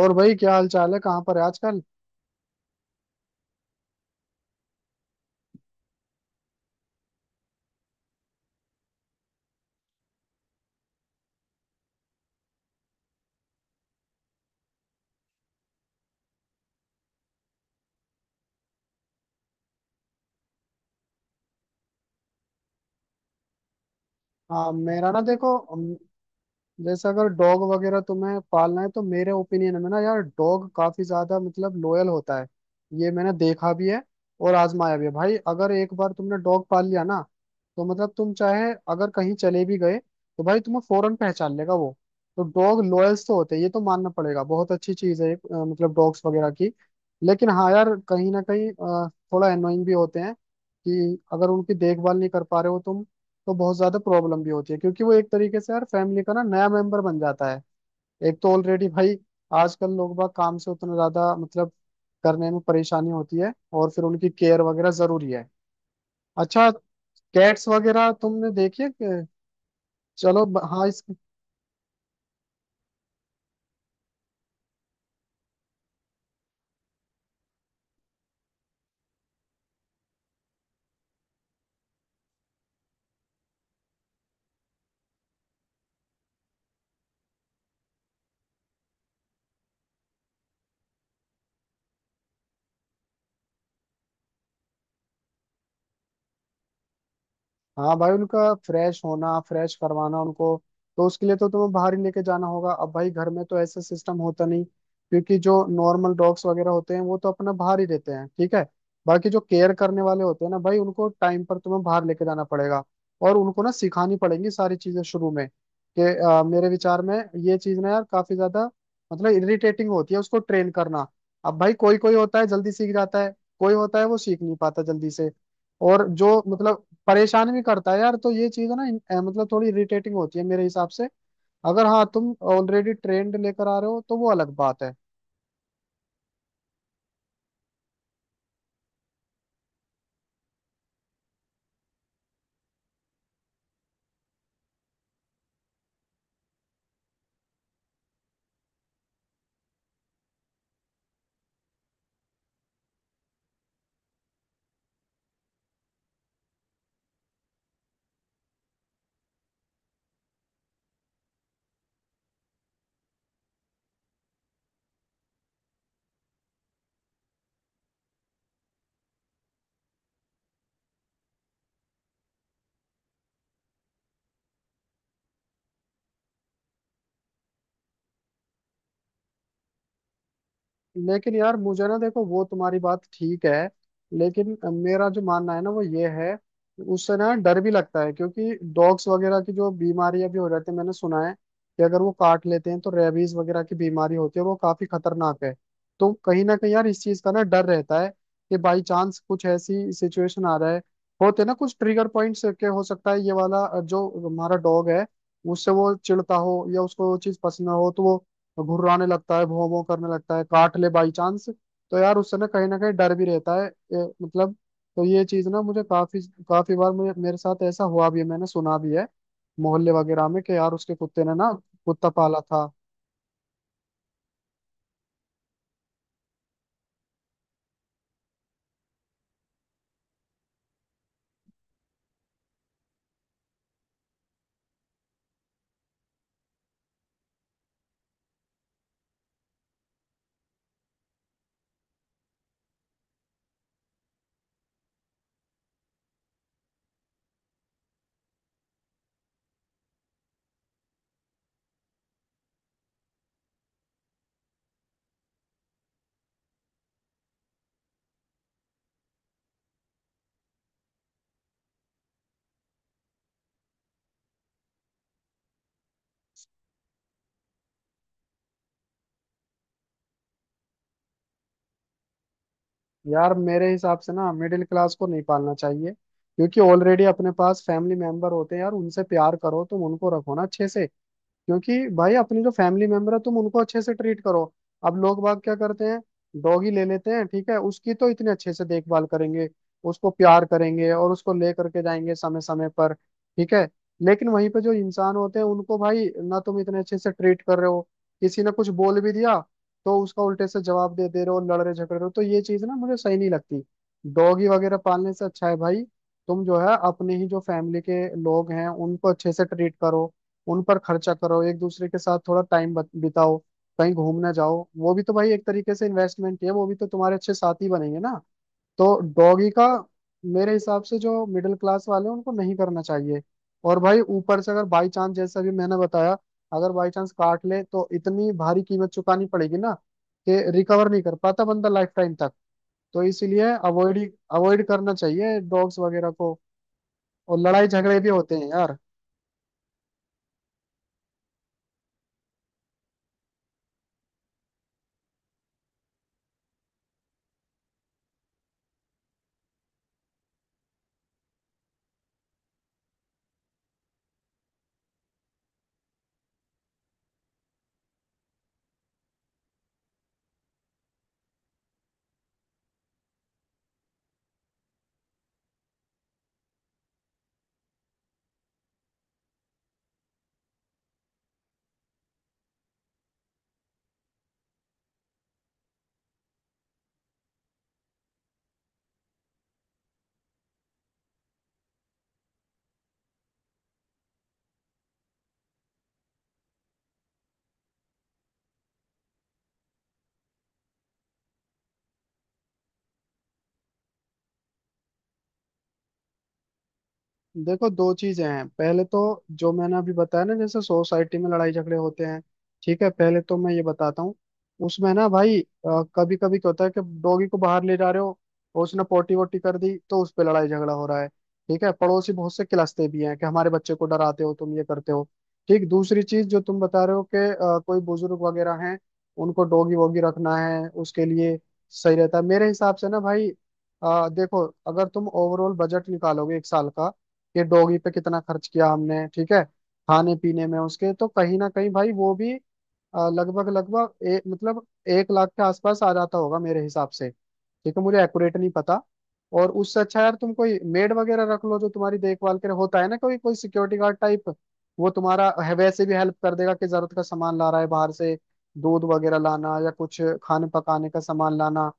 और भाई क्या हाल चाल है, कहाँ पर है आजकल। हाँ मेरा ना देखो जैसे अगर डॉग वगैरह तुम्हें पालना है तो मेरे ओपिनियन में ना यार डॉग काफी ज्यादा मतलब लोयल होता है। ये मैंने देखा भी है और आजमाया भी है भाई। अगर एक बार तुमने डॉग पाल लिया ना तो मतलब तुम चाहे अगर कहीं चले भी गए तो भाई तुम्हें फौरन पहचान लेगा वो। तो डॉग लॉयल्स तो होते हैं, ये तो मानना पड़ेगा। बहुत अच्छी चीज है मतलब डॉग्स वगैरह की। लेकिन हाँ यार कहीं ना कहीं थोड़ा एनोइंग भी होते हैं कि अगर उनकी देखभाल नहीं कर पा रहे हो तुम तो बहुत ज्यादा प्रॉब्लम भी होती है, क्योंकि वो एक तरीके से यार फैमिली का ना नया मेंबर बन जाता है। एक तो ऑलरेडी भाई आजकल लोग बाग काम से उतना ज्यादा मतलब करने में परेशानी होती है और फिर उनकी केयर वगैरह जरूरी है। अच्छा, कैट्स वगैरह तुमने देखी है चलो हाँ इस। हाँ भाई उनका फ्रेश होना, फ्रेश करवाना उनको, तो उसके लिए तो तुम्हें बाहर ही लेके जाना होगा। अब भाई घर में तो ऐसा सिस्टम होता नहीं, क्योंकि जो नॉर्मल डॉग्स वगैरह होते हैं वो तो अपना बाहर ही रहते हैं, ठीक है। बाकी जो केयर करने वाले होते हैं ना भाई, उनको टाइम पर तुम्हें बाहर लेके जाना पड़ेगा। और उनको ना सिखानी पड़ेंगी सारी चीजें शुरू में कि मेरे विचार में ये चीज ना यार काफी ज्यादा मतलब इरिटेटिंग होती है उसको ट्रेन करना। अब भाई कोई कोई होता है जल्दी सीख जाता है, कोई होता है वो सीख नहीं पाता जल्दी से। और जो मतलब परेशान भी करता है यार, तो ये चीज है ना मतलब थोड़ी इरिटेटिंग होती है मेरे हिसाब से। अगर हाँ, तुम ऑलरेडी ट्रेंड लेकर आ रहे हो तो वो अलग बात है। लेकिन यार मुझे ना देखो, वो तुम्हारी बात ठीक है, लेकिन मेरा जो मानना है ना वो ये है, उससे ना डर भी लगता है, क्योंकि डॉग्स वगैरह की जो बीमारियां भी हो जाती है मैंने सुना है कि अगर वो काट लेते हैं तो रेबीज वगैरह की बीमारी होती है, वो काफी खतरनाक है। तो कहीं ना कहीं यार इस चीज का ना डर रहता है कि बाई चांस कुछ ऐसी सिचुएशन आ रहा है। होते हैं ना कुछ ट्रिगर पॉइंट्स के, हो सकता है ये वाला जो हमारा डॉग है उससे वो चिढ़ता हो या उसको वो चीज पसंद ना हो, तो वो तो घुर्राने लगता है, भौं भौं करने लगता है, काट ले बाई चांस। तो यार उससे ना कहीं डर भी रहता है मतलब। तो ये चीज ना मुझे काफी काफी बार, मुझे मेरे साथ ऐसा हुआ भी है, मैंने सुना भी है मोहल्ले वगैरह में कि यार उसके कुत्ते ने ना कुत्ता पाला था। यार मेरे हिसाब से ना मिडिल क्लास को नहीं पालना चाहिए, क्योंकि ऑलरेडी अपने पास फैमिली मेंबर होते हैं यार, उनसे प्यार करो, तुम उनको रखो ना अच्छे से। क्योंकि भाई अपनी जो फैमिली मेंबर है तुम उनको अच्छे से ट्रीट करो। अब लोग बाग क्या करते हैं, डॉगी ले लेते हैं, ठीक है उसकी तो इतने अच्छे से देखभाल करेंगे, उसको प्यार करेंगे और उसको ले करके जाएंगे समय समय पर, ठीक है। लेकिन वहीं पे जो इंसान होते हैं उनको भाई ना तुम इतने अच्छे से ट्रीट कर रहे हो। किसी ने कुछ बोल भी दिया तो उसका उल्टे से जवाब दे दे रहे हो, लड़ रहे झगड़ रहे हो। तो ये चीज ना मुझे सही नहीं लगती। डॉगी वगैरह पालने से अच्छा है भाई, तुम जो है अपने ही जो फैमिली के लोग हैं उनको अच्छे से ट्रीट करो, उन पर खर्चा करो, एक दूसरे के साथ थोड़ा टाइम बिताओ, कहीं घूमने जाओ। वो भी तो भाई एक तरीके से इन्वेस्टमेंट ही है, वो भी तो तुम्हारे अच्छे साथी बनेंगे ना। तो डॉगी का मेरे हिसाब से, जो मिडिल क्लास वाले हैं उनको नहीं करना चाहिए। और भाई ऊपर से अगर बाई चांस, जैसा भी मैंने बताया, अगर बाई चांस काट ले तो इतनी भारी कीमत चुकानी पड़ेगी ना कि रिकवर नहीं कर पाता बंदा लाइफ टाइम तक। तो इसीलिए अवॉइड, अवॉइड करना चाहिए डॉग्स वगैरह को। और लड़ाई झगड़े भी होते हैं यार। देखो दो चीजें हैं, पहले तो जो मैंने अभी बताया ना, जैसे सोसाइटी में लड़ाई झगड़े होते हैं, ठीक है पहले तो मैं ये बताता हूँ, उसमें ना भाई कभी कभी क्या होता है कि डॉगी को बाहर ले जा रहे हो और उसने पोटी वोटी कर दी तो उस पर लड़ाई झगड़ा हो रहा है, ठीक है। पड़ोसी बहुत से किलसते भी हैं कि हमारे बच्चे को डराते हो तुम, ये करते हो। ठीक, दूसरी चीज जो तुम बता रहे हो कि कोई बुजुर्ग वगैरह हैं उनको डॉगी वोगी रखना है, उसके लिए सही रहता है मेरे हिसाब से ना भाई। देखो अगर तुम ओवरऑल बजट निकालोगे एक साल का कि डॉगी पे कितना खर्च किया हमने, ठीक है खाने पीने में उसके, तो कहीं ना कहीं भाई वो भी लगभग लगभग मतलब 1 लाख के आसपास आ जाता होगा मेरे हिसाब से, ठीक है मुझे एक्यूरेट नहीं पता। और उससे अच्छा यार तुम कोई मेड वगैरह रख लो जो तुम्हारी देखभाल करे, होता है ना कोई कोई सिक्योरिटी गार्ड टाइप। वो तुम्हारा वैसे भी हेल्प कर देगा कि जरूरत का सामान ला रहा है बाहर से, दूध वगैरह लाना या कुछ खाने पकाने का सामान लाना।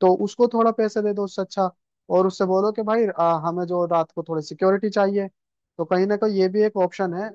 तो उसको थोड़ा पैसे दे दो, उससे अच्छा। और उससे बोलो कि भाई हमें जो रात को थोड़ी सिक्योरिटी चाहिए। तो कहीं ना कहीं ये भी एक ऑप्शन है।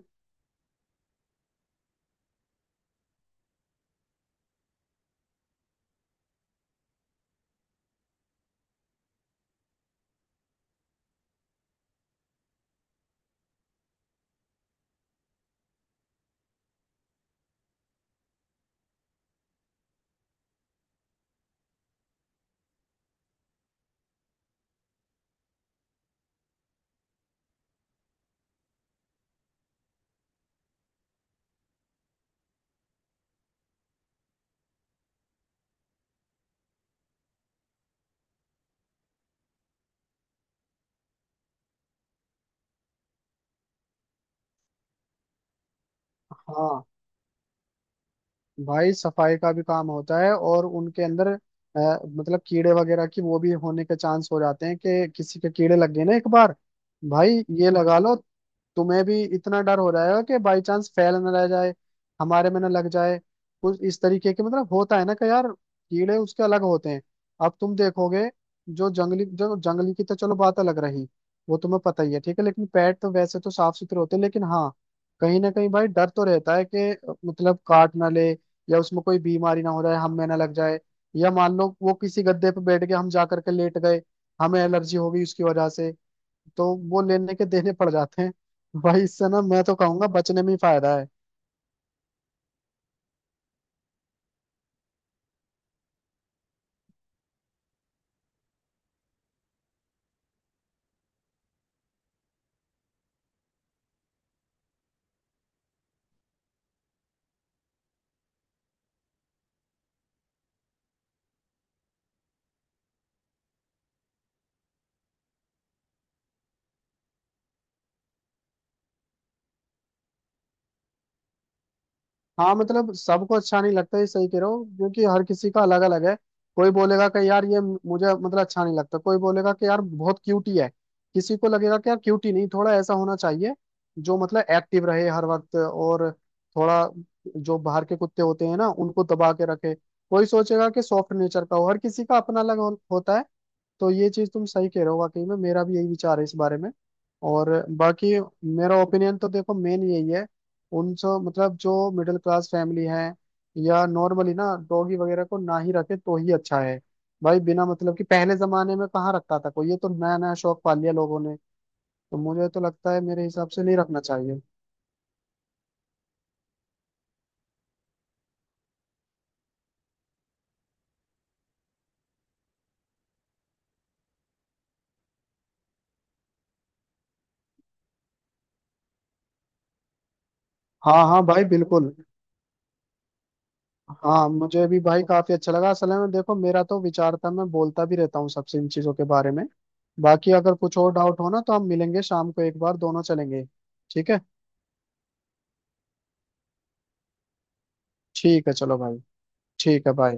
हाँ भाई सफाई का भी काम होता है और उनके अंदर मतलब कीड़े वगैरह की वो भी होने के चांस हो जाते हैं कि किसी के कीड़े लग गए ना एक बार भाई, ये लगा लो। तुम्हें भी इतना डर हो रहा है कि बाई चांस फैल ना रह जाए, हमारे में ना लग जाए, कुछ इस तरीके के। मतलब होता है ना कि यार कीड़े उसके अलग होते हैं। अब तुम देखोगे जो जंगली, जो जंगली की तो चलो बात अलग रही, वो तुम्हें पता ही है ठीक है। लेकिन पेट तो वैसे तो साफ सुथरे होते हैं, लेकिन हाँ कहीं ना कहीं भाई डर तो रहता है कि मतलब काट ना ले, या उसमें कोई बीमारी ना हो जाए हम में ना लग जाए, या मान लो वो किसी गद्दे पे बैठ के हम जा करके लेट गए, हमें एलर्जी हो गई उसकी वजह से, तो वो लेने के देने पड़ जाते हैं। भाई इससे ना मैं तो कहूंगा बचने में ही फायदा है। हाँ मतलब सबको अच्छा नहीं लगता, ये सही कह रहे हो, क्योंकि हर किसी का अलग अलग है। कोई बोलेगा कि यार ये मुझे मतलब अच्छा नहीं लगता, कोई बोलेगा कि यार बहुत क्यूटी है, किसी को लगेगा कि यार क्यूटी नहीं थोड़ा ऐसा होना चाहिए जो मतलब एक्टिव रहे हर वक्त, और थोड़ा जो बाहर के कुत्ते होते हैं ना उनको दबा के रखे, कोई सोचेगा कि सॉफ्ट नेचर का हो। हर किसी का अपना अलग हो, होता है। तो ये चीज तुम सही कह रहे हो, वाकई में मेरा भी यही विचार है इस बारे में। और बाकी मेरा ओपिनियन तो देखो मेन यही है, उन सब मतलब जो मिडिल क्लास फैमिली है या नॉर्मली ना, डॉगी वगैरह को ना ही रखे तो ही अच्छा है भाई। बिना मतलब कि, पहले जमाने में कहाँ रखता था कोई, ये तो नया नया शौक पाल लिया लोगों ने। तो मुझे तो लगता है मेरे हिसाब से नहीं रखना चाहिए। हाँ हाँ भाई, बिल्कुल। हाँ मुझे भी भाई काफी अच्छा लगा, असल में देखो मेरा तो विचार था, मैं बोलता भी रहता हूँ सबसे इन चीजों के बारे में। बाकी अगर कुछ और डाउट हो ना तो हम मिलेंगे शाम को एक बार, दोनों चलेंगे, ठीक है। ठीक है चलो भाई, ठीक है भाई।